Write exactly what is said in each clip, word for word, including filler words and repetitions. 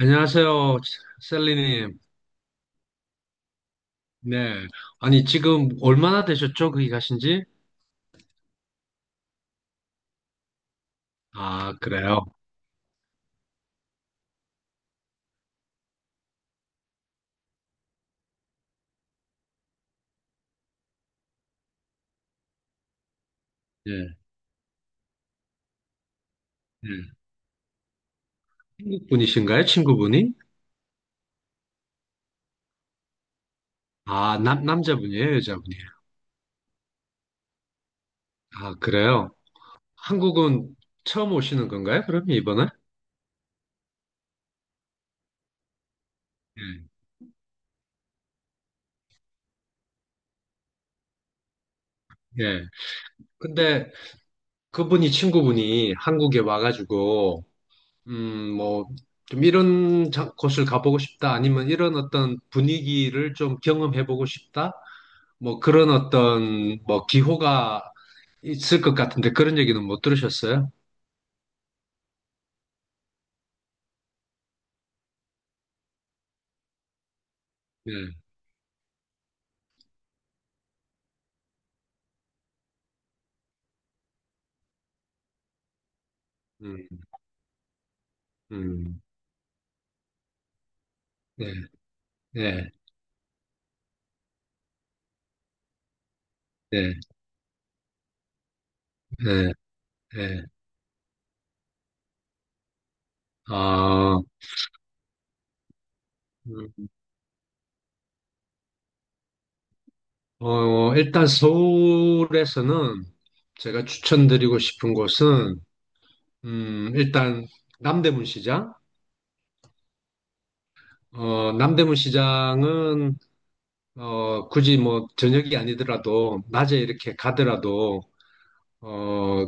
안녕하세요, 셀리님. 네. 아니, 지금 얼마나 되셨죠? 거기 가신 지? 아, 그래요. 예, 예. 한국분이신가요? 친구분이? 아, 남, 남자분이에요? 여자분이에요? 아, 그래요. 한국은 처음 오시는 건가요? 그러면 이번에? 예, 예. 근데 그분이 친구분이 한국에 와가지고, 음, 뭐, 좀 이런 자- 곳을 가보고 싶다, 아니면 이런 어떤 분위기를 좀 경험해보고 싶다? 뭐 그런 어떤 뭐 기호가 있을 것 같은데 그런 얘기는 못 들으셨어요? 네, 음, 음, 네, 네, 네, 네, 네. 아, 음. 어, 일단 서울에서는 제가 추천드리고 싶은 곳은 음, 일단 남대문 시장. 어, 남대문 시장은 어, 굳이 뭐 저녁이 아니더라도 낮에 이렇게 가더라도 어,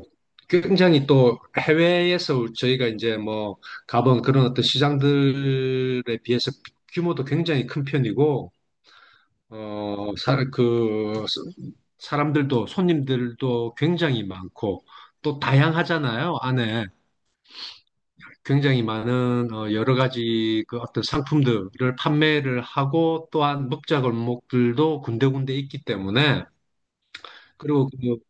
굉장히 또 해외에서 저희가 이제 뭐 가본 그런 어떤 시장들에 비해서 규모도 굉장히 큰 편이고, 어, 사, 그, 사람들도 손님들도 굉장히 많고, 또 다양하잖아요. 안에 굉장히 많은 어, 여러 가지 그 어떤 상품들을 판매를 하고, 또한 먹자골목들도 군데군데 있기 때문에, 그리고 그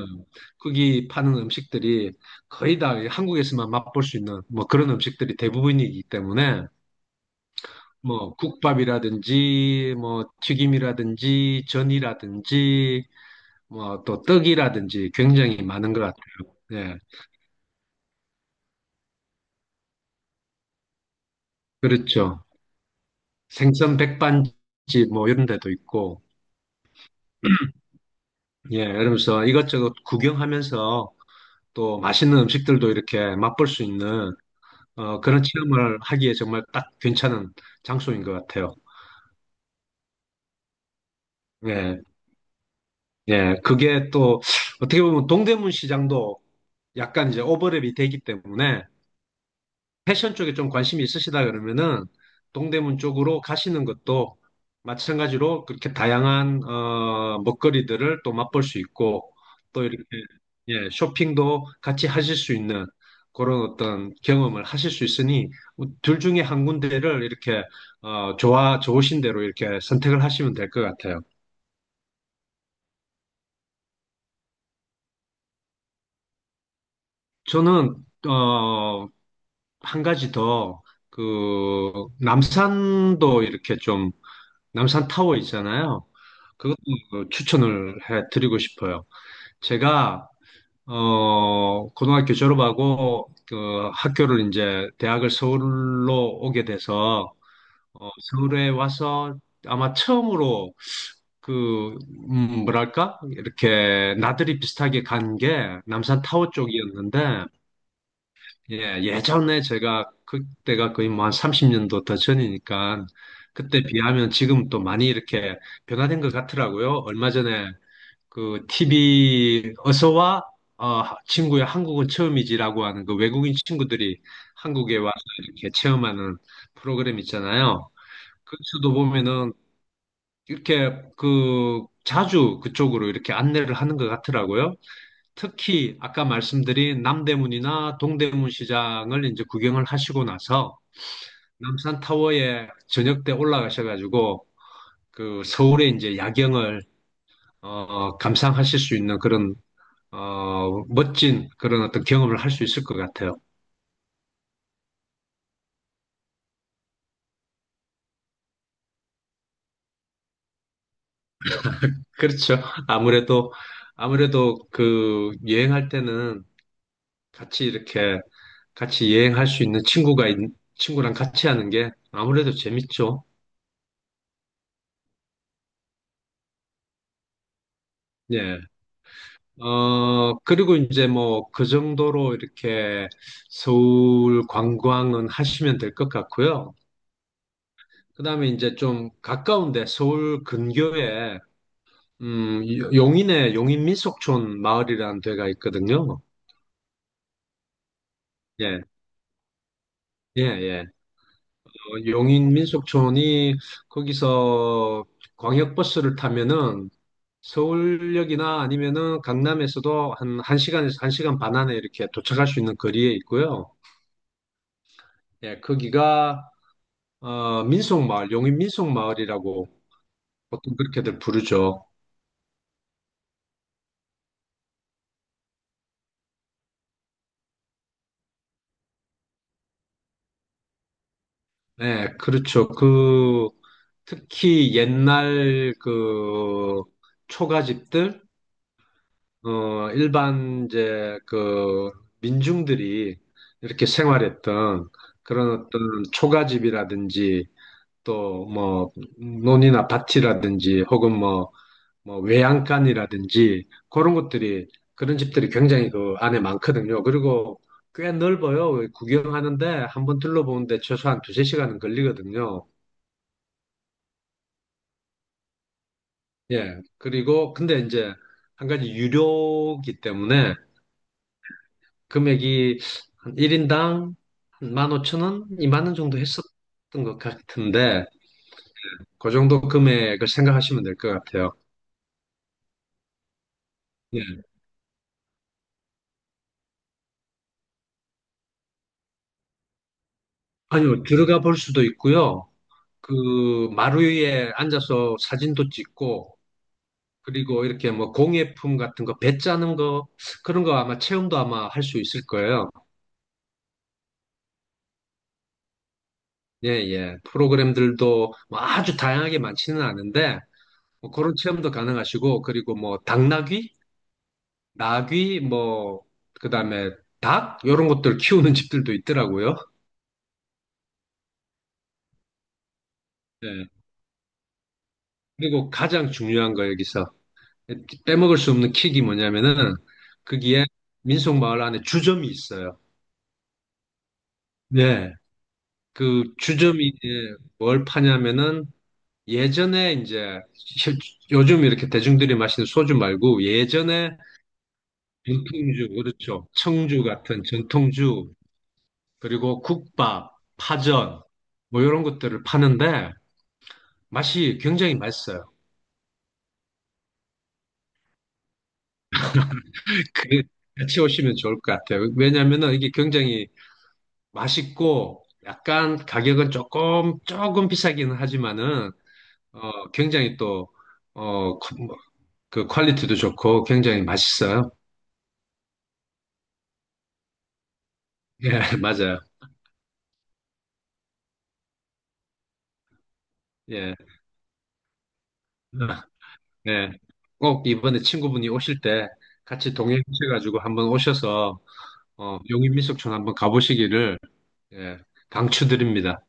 어, 거기 파는 음식들이 거의 다 한국에서만 맛볼 수 있는 뭐 그런 음식들이 대부분이기 때문에 뭐 국밥이라든지 뭐 튀김이라든지 전이라든지 뭐 또 떡이라든지 굉장히 많은 것 같아요. 예, 그렇죠. 생선 백반집 뭐 이런 데도 있고, 예, 이러면서 이것저것 구경하면서 또 맛있는 음식들도 이렇게 맛볼 수 있는 어, 그런 체험을 하기에 정말 딱 괜찮은 장소인 것 같아요. 예. 예, 그게 또 어떻게 보면 동대문 시장도 약간 이제 오버랩이 되기 때문에 패션 쪽에 좀 관심이 있으시다 그러면은 동대문 쪽으로 가시는 것도 마찬가지로 그렇게 다양한 어, 먹거리들을 또 맛볼 수 있고 또 이렇게, 예, 쇼핑도 같이 하실 수 있는 그런 어떤 경험을 하실 수 있으니 둘 중에 한 군데를 이렇게 어, 좋아 좋으신 대로 이렇게 선택을 하시면 될 것 같아요. 저는 어, 한 가지 더, 그, 남산도 이렇게 좀, 남산 타워 있잖아요. 그것도 그 추천을 해 드리고 싶어요. 제가, 어, 고등학교 졸업하고, 그, 학교를 이제, 대학을 서울로 오게 돼서, 어, 서울에 와서 아마 처음으로 그, 음, 뭐랄까? 이렇게 나들이 비슷하게 간 게 남산 타워 쪽이었는데, 예, 예전에 제가 그때가 거의 뭐 한 삼십 년도 더 전이니까 그때 비하면 지금 또 많이 이렇게 변화된 것 같더라고요. 얼마 전에 그 티비 어서와 어, 친구야 한국은 처음이지라고 하는 그 외국인 친구들이 한국에 와서 이렇게 체험하는 프로그램 있잖아요. 그쪽도 보면은 이렇게 그 자주 그쪽으로 이렇게 안내를 하는 것 같더라고요. 특히 아까 말씀드린 남대문이나 동대문 시장을 이제 구경을 하시고 나서 남산타워에 저녁 때 올라가셔가지고 그 서울의 이제 야경을 어, 감상하실 수 있는 그런 어, 멋진 그런 어떤 경험을 할 수 있을 것 같아요. 그렇죠. 아무래도 아무래도 그 여행할 때는 같이 이렇게 같이 여행할 수 있는 친구가 있, 친구랑 같이 하는 게 아무래도 재밌죠. 예. 어, 그리고 이제 뭐 그 정도로 이렇게 서울 관광은 하시면 될 것 같고요. 그다음에 이제 좀 가까운데 서울 근교에 음, 용인에 용인 민속촌 마을이라는 데가 있거든요. 예. 예, 예. 어, 용인 민속촌이 거기서 광역버스를 타면은 서울역이나 아니면은 강남에서도 한 1시간에서 한 시간 반 안에 이렇게 도착할 수 있는 거리에 있고요. 예, 거기가 어, 민속마을, 용인 민속마을이라고 보통 그렇게들 부르죠. 네, 그렇죠. 그, 특히 옛날 그 초가집들, 어, 일반 이제 그 민중들이 이렇게 생활했던 그런 어떤 초가집이라든지 또 뭐 논이나 밭이라든지 혹은 뭐 뭐 외양간이라든지 그런 것들이 그런 집들이 굉장히 그 안에 많거든요. 그리고 꽤 넓어요. 구경하는데 한번 둘러보는데 최소한 두세 시간은 걸리거든요. 예. 그리고 근데 이제 한 가지 유료기 때문에 금액이 한 일 인당 한 만 오천 원, 이만 오천 원 이만 원 정도 했었던 것 같은데 그 정도 금액을 생각하시면 될 것 같아요. 예. 아니요, 들어가 볼 수도 있고요. 그 마루 위에 앉아서 사진도 찍고 그리고 이렇게 뭐 공예품 같은 거, 배 짜는 거, 그런 거 아마 체험도 아마 할 수 있을 거예요. 예, 예. 프로그램들도 뭐 아주 다양하게 많지는 않은데, 뭐 그런 체험도 가능하시고, 그리고 뭐 당나귀, 나귀, 뭐, 그 다음에 닭, 이런 것들 키우는 집들도 있더라고요. 예. 그리고 가장 중요한 거 여기서 빼먹을 수 없는 킥이 뭐냐면은, 거기에 민속마을 안에 주점이 있어요. 네. 그 주점이 이제 뭘 파냐면은 예전에 이제 요즘 이렇게 대중들이 마시는 소주 말고 예전에 전통주, 그렇죠. 청주 같은 전통주, 그리고 국밥, 파전, 뭐 이런 것들을 파는데 맛이 굉장히 맛있어요. 그 같이 오시면 좋을 것 같아요. 왜냐면은 이게 굉장히 맛있고 약간 가격은 조금, 조금 비싸기는 하지만은 어, 굉장히 또, 어, 그 뭐, 그 퀄리티도 좋고 굉장히 맛있어요. 예, 맞아요. 예. 네. 꼭 이번에 친구분이 오실 때 같이 동행하셔가지고 한번 오셔서 어, 용인민속촌 한번 가보시기를, 예, 강추드립니다.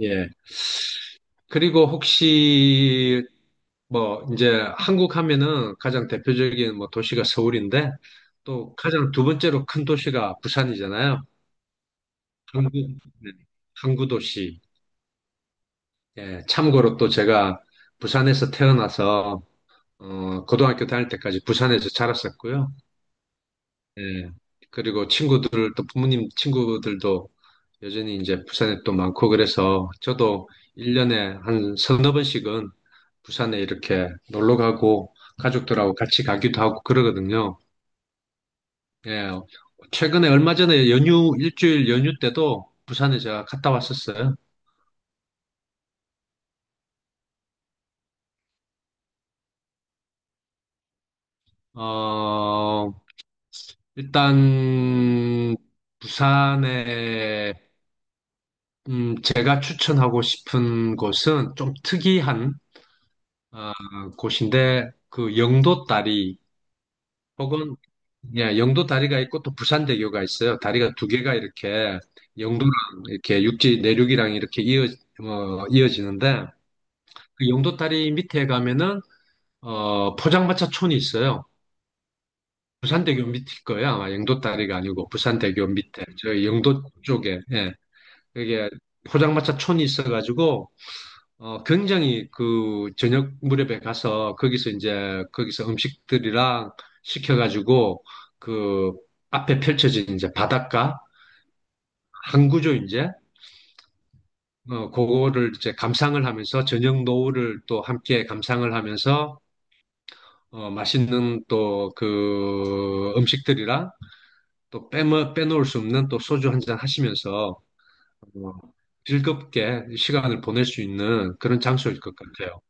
예. 그리고 혹시 뭐 이제 한국 하면은 가장 대표적인 뭐 도시가 서울인데 또 가장 두 번째로 큰 도시가 부산이잖아요. 항구, 네, 항구 도시. 예, 참고로 또 제가 부산에서 태어나서 어, 고등학교 다닐 때까지 부산에서 자랐었고요. 예. 그리고 친구들, 또 부모님 친구들도 여전히 이제 부산에 또 많고 그래서 저도 일 년에 한 서너 번씩은 부산에 이렇게 놀러 가고 가족들하고 같이 가기도 하고 그러거든요. 예. 최근에 얼마 전에 연휴, 일주일 연휴 때도 부산에 제가 갔다 왔었어요. 어, 일단 부산에 음, 제가 추천하고 싶은 곳은 좀 특이한 아, 곳인데 그 영도 다리 혹은, 예, 영도 다리가 있고 또 부산대교가 있어요. 다리가 두 개가 이렇게 영도랑 이렇게 육지 내륙이랑 이렇게 이어 어, 이어지는데 그 영도 다리 밑에 가면은 어, 포장마차촌이 있어요. 부산대교 밑일 거예요. 아마 영도 다리가 아니고 부산대교 밑에 저 영도 쪽에, 예, 그게 포장마차촌이 있어가지고 어, 굉장히 그 저녁 무렵에 가서 거기서 이제 거기서 음식들이랑 시켜가지고 그 앞에 펼쳐진 이제 바닷가 한 구조 이제 어, 그거를 이제 감상을 하면서 저녁 노을을 또 함께 감상을 하면서 어, 맛있는 또 그 음식들이랑 또 빼먹, 빼놓을 수 없는 또 소주 한잔 하시면서 어, 즐겁게 시간을 보낼 수 있는 그런 장소일 것 같아요.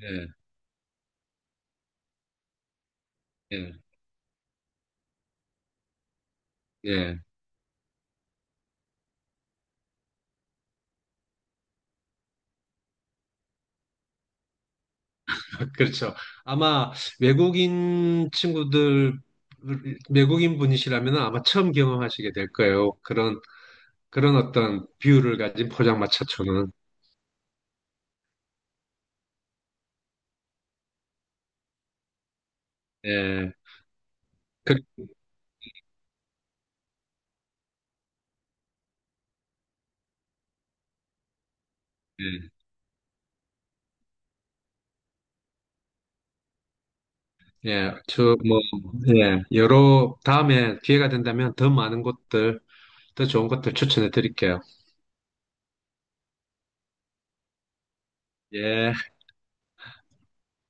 예, 예, 예. 그렇죠. 아마 외국인 친구들, 외국인 분이시라면 아마 처음 경험하시게 될 거예요. 그런, 그런 어떤 뷰를 가진 포장마차촌은. 예. 그, 예. 예. 저, 뭐, 예. 여러, 다음에 기회가 된다면 더 많은 곳들, 더 좋은 곳들 추천해 드릴게요. 예.